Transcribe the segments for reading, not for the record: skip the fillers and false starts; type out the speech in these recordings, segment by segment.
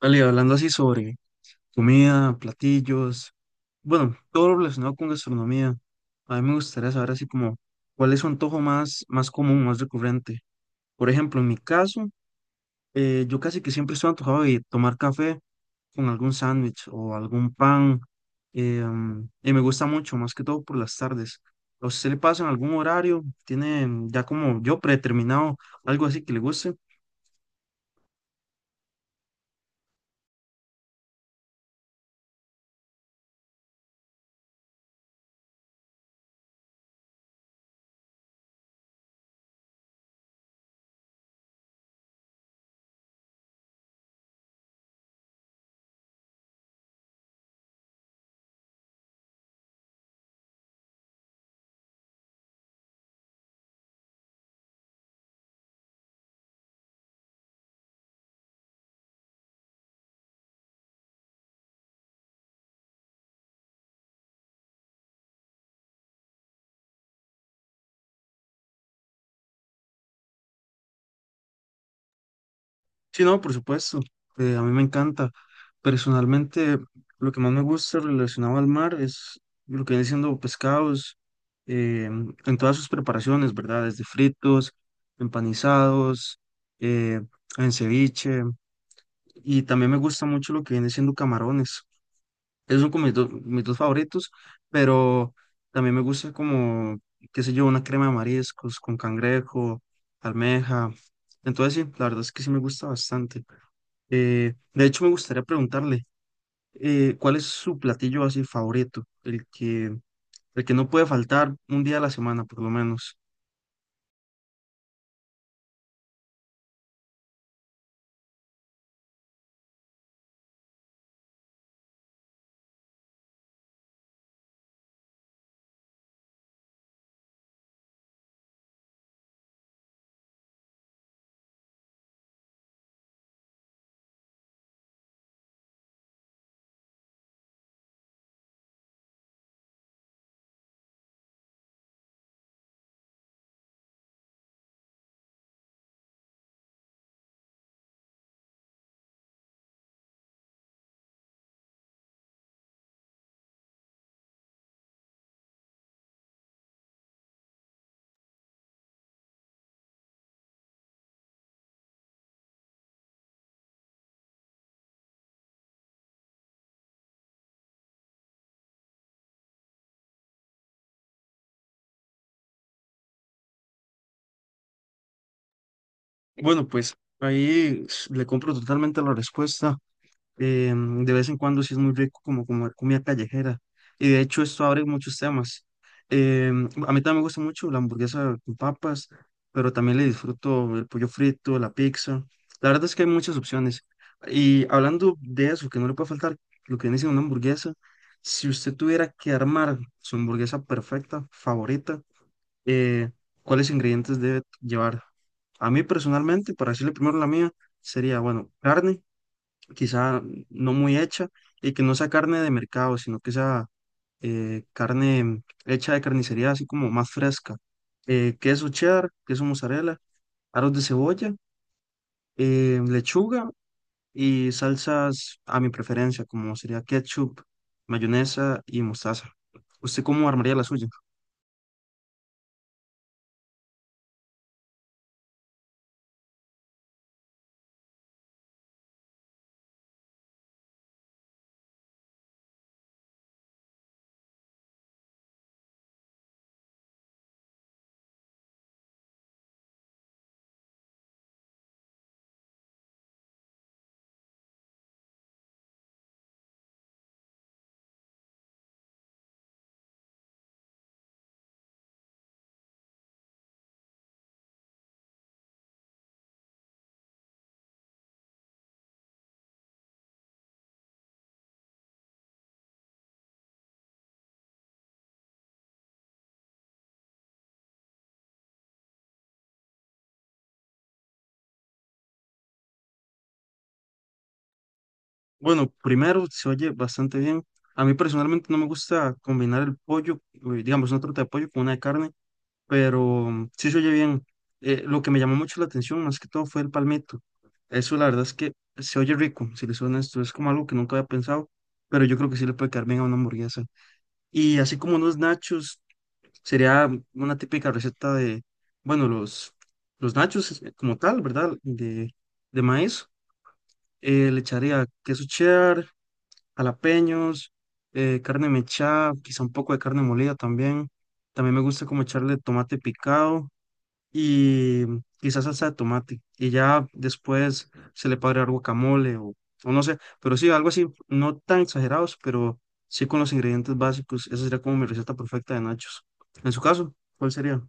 Vale, hablando así sobre comida, platillos, bueno, todo lo relacionado con gastronomía, a mí me gustaría saber así como cuál es su antojo más común, más recurrente. Por ejemplo, en mi caso, yo casi que siempre estoy antojado de tomar café con algún sándwich o algún pan, y me gusta mucho, más que todo por las tardes. ¿A usted le pasa en algún horario? ¿Tiene ya como yo predeterminado algo así que le guste? Sí, no, por supuesto. A mí me encanta. Personalmente, lo que más me gusta relacionado al mar es lo que viene siendo pescados eh, en todas sus preparaciones, ¿verdad? Desde fritos, empanizados, eh, en ceviche. Y también me gusta mucho lo que viene siendo camarones, esos son como mis dos favoritos, pero también me gusta como, qué sé yo, una crema de mariscos con cangrejo, almeja. Entonces sí, la verdad es que sí me gusta bastante. De hecho, me gustaría preguntarle, ¿cuál es su platillo así favorito? El que no puede faltar un día a la semana, por lo menos. Bueno, pues le compro totalmente la respuesta. Eh, de vez en cuando sí es muy rico como comer comida callejera. Y de hecho esto abre muchos temas. Eh, a mí también me gusta mucho la hamburguesa con papas, pero también le disfruto el pollo frito, la pizza. La verdad es que hay muchas opciones. Y hablando de eso, que no le puede faltar lo que viene siendo una hamburguesa, si usted tuviera que armar su hamburguesa perfecta, favorita, eh, ¿cuáles ingredientes debe llevar? A mí personalmente, para decirle primero la mía, sería, bueno, carne quizá no muy hecha, y que no sea carne de mercado, sino que sea carne hecha de carnicería, así como más fresca. Queso cheddar, queso mozzarella, aros de cebolla, lechuga y salsas a mi preferencia, como sería ketchup, mayonesa y mostaza. ¿Usted cómo armaría la suya? Bueno, primero se oye bastante bien. A mí personalmente no me gusta combinar el pollo, digamos, una torta de pollo con una de carne, pero sí se oye bien. Lo que me llamó mucho la atención, más que todo, fue el palmito. Eso, la verdad es que se oye rico, si le suena esto, es como algo que nunca había pensado, pero yo creo que sí le puede quedar bien a una hamburguesa. Y así como unos nachos, sería una típica receta de, bueno, los nachos como tal, ¿verdad? De maíz. Le echaría queso cheddar, jalapeños, carne mechada, quizá un poco de carne molida también. También me gusta como echarle tomate picado y quizás salsa de tomate. Y ya después se le puede agregar guacamole o no sé, pero sí, algo así, no tan exagerados, pero sí con los ingredientes básicos. Esa sería como mi receta perfecta de nachos. En su caso, ¿cuál sería?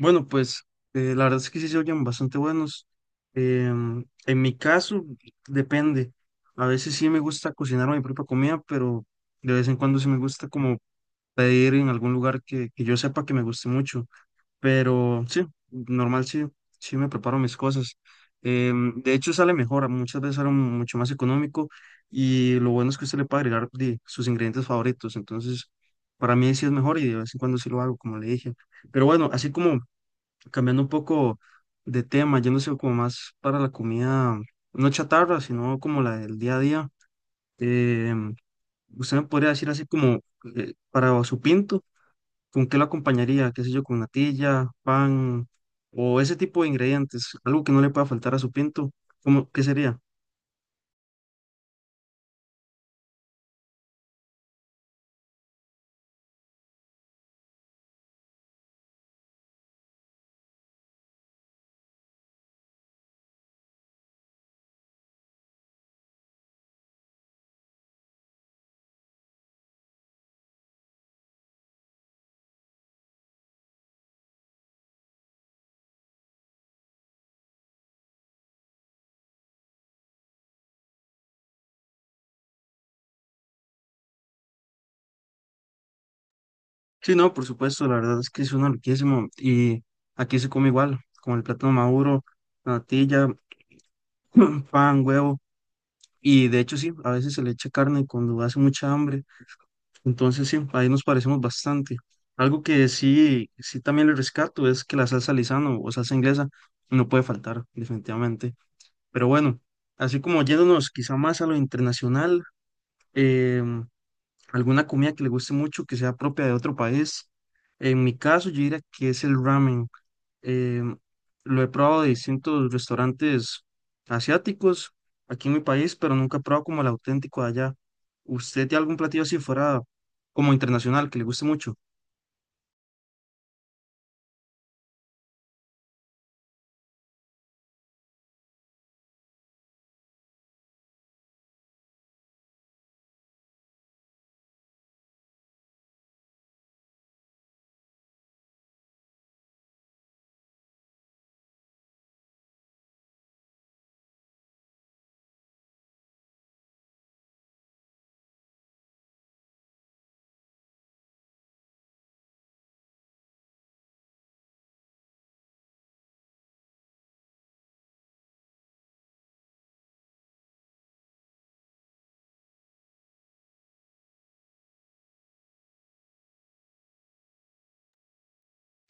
Bueno, pues la verdad es que sí se oyen bastante buenos. En mi caso, depende. A veces sí me gusta cocinar mi propia comida, pero de vez en cuando sí me gusta como pedir en algún lugar que yo sepa que me guste mucho. Pero sí, normal sí, sí me preparo mis cosas. De hecho sale mejor, muchas veces sale mucho más económico y lo bueno es que usted le puede agregar sus ingredientes favoritos. Entonces, para mí sí es mejor y de vez en cuando sí lo hago, como le dije. Pero bueno, así como cambiando un poco de tema, yéndose como más para la comida, no chatarra, sino como la del día a día. em, Usted me podría decir así como para su pinto. ¿Con qué lo acompañaría? ¿Qué sé yo? Con natilla, pan o ese tipo de ingredientes. Algo que no le pueda faltar a su pinto. ¿Cómo, qué sería? Sí, no, por supuesto. La verdad es que suena riquísimo. Y aquí se come igual, con el plátano maduro, la natilla, pan, huevo. Y de hecho sí, a veces se le echa carne cuando hace mucha hambre. Entonces sí, ahí nos parecemos bastante. Algo que sí, sí también le rescato es que la salsa Lizano o salsa inglesa no puede faltar, definitivamente. Pero bueno, así como yéndonos quizá más a lo internacional, em, alguna comida que le guste mucho, que sea propia de otro país. En mi caso, yo diría que es el ramen. Em, lo he probado de distintos restaurantes asiáticos aquí en mi país, pero nunca he probado como el auténtico de allá. ¿Usted tiene algún platillo así fuera como internacional que le guste mucho?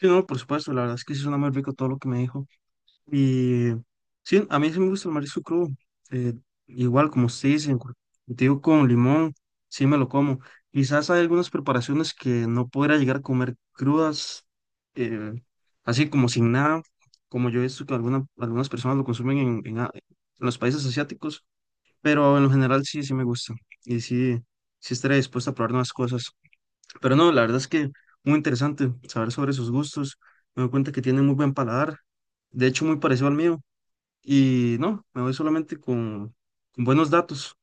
Sí, no, por supuesto, la verdad es que sí suena muy rico todo lo que me dijo. Y sí, a mí sí me gusta el marisco crudo. eh, Igual, como usted dice, digo con limón, sí me lo como. Quizás hay algunas preparaciones que no podrá llegar a comer crudas, eh, así como sin nada, como yo he visto que algunas personas lo consumen en los países asiáticos, pero en lo general sí, sí me gusta. Y sí, sí estaré dispuesto a probar nuevas cosas. Pero no, la verdad es que muy interesante saber sobre sus gustos. Me doy cuenta que tienen muy buen paladar. De hecho, muy parecido al mío. Y no, me voy solamente con buenos datos.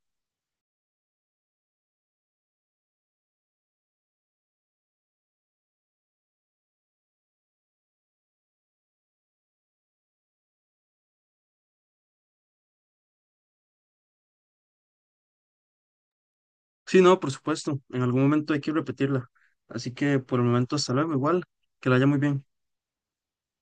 Sí, no, por supuesto, en algún momento hay que repetirla. Así que por el momento, hasta luego, igual, que la haya muy bien.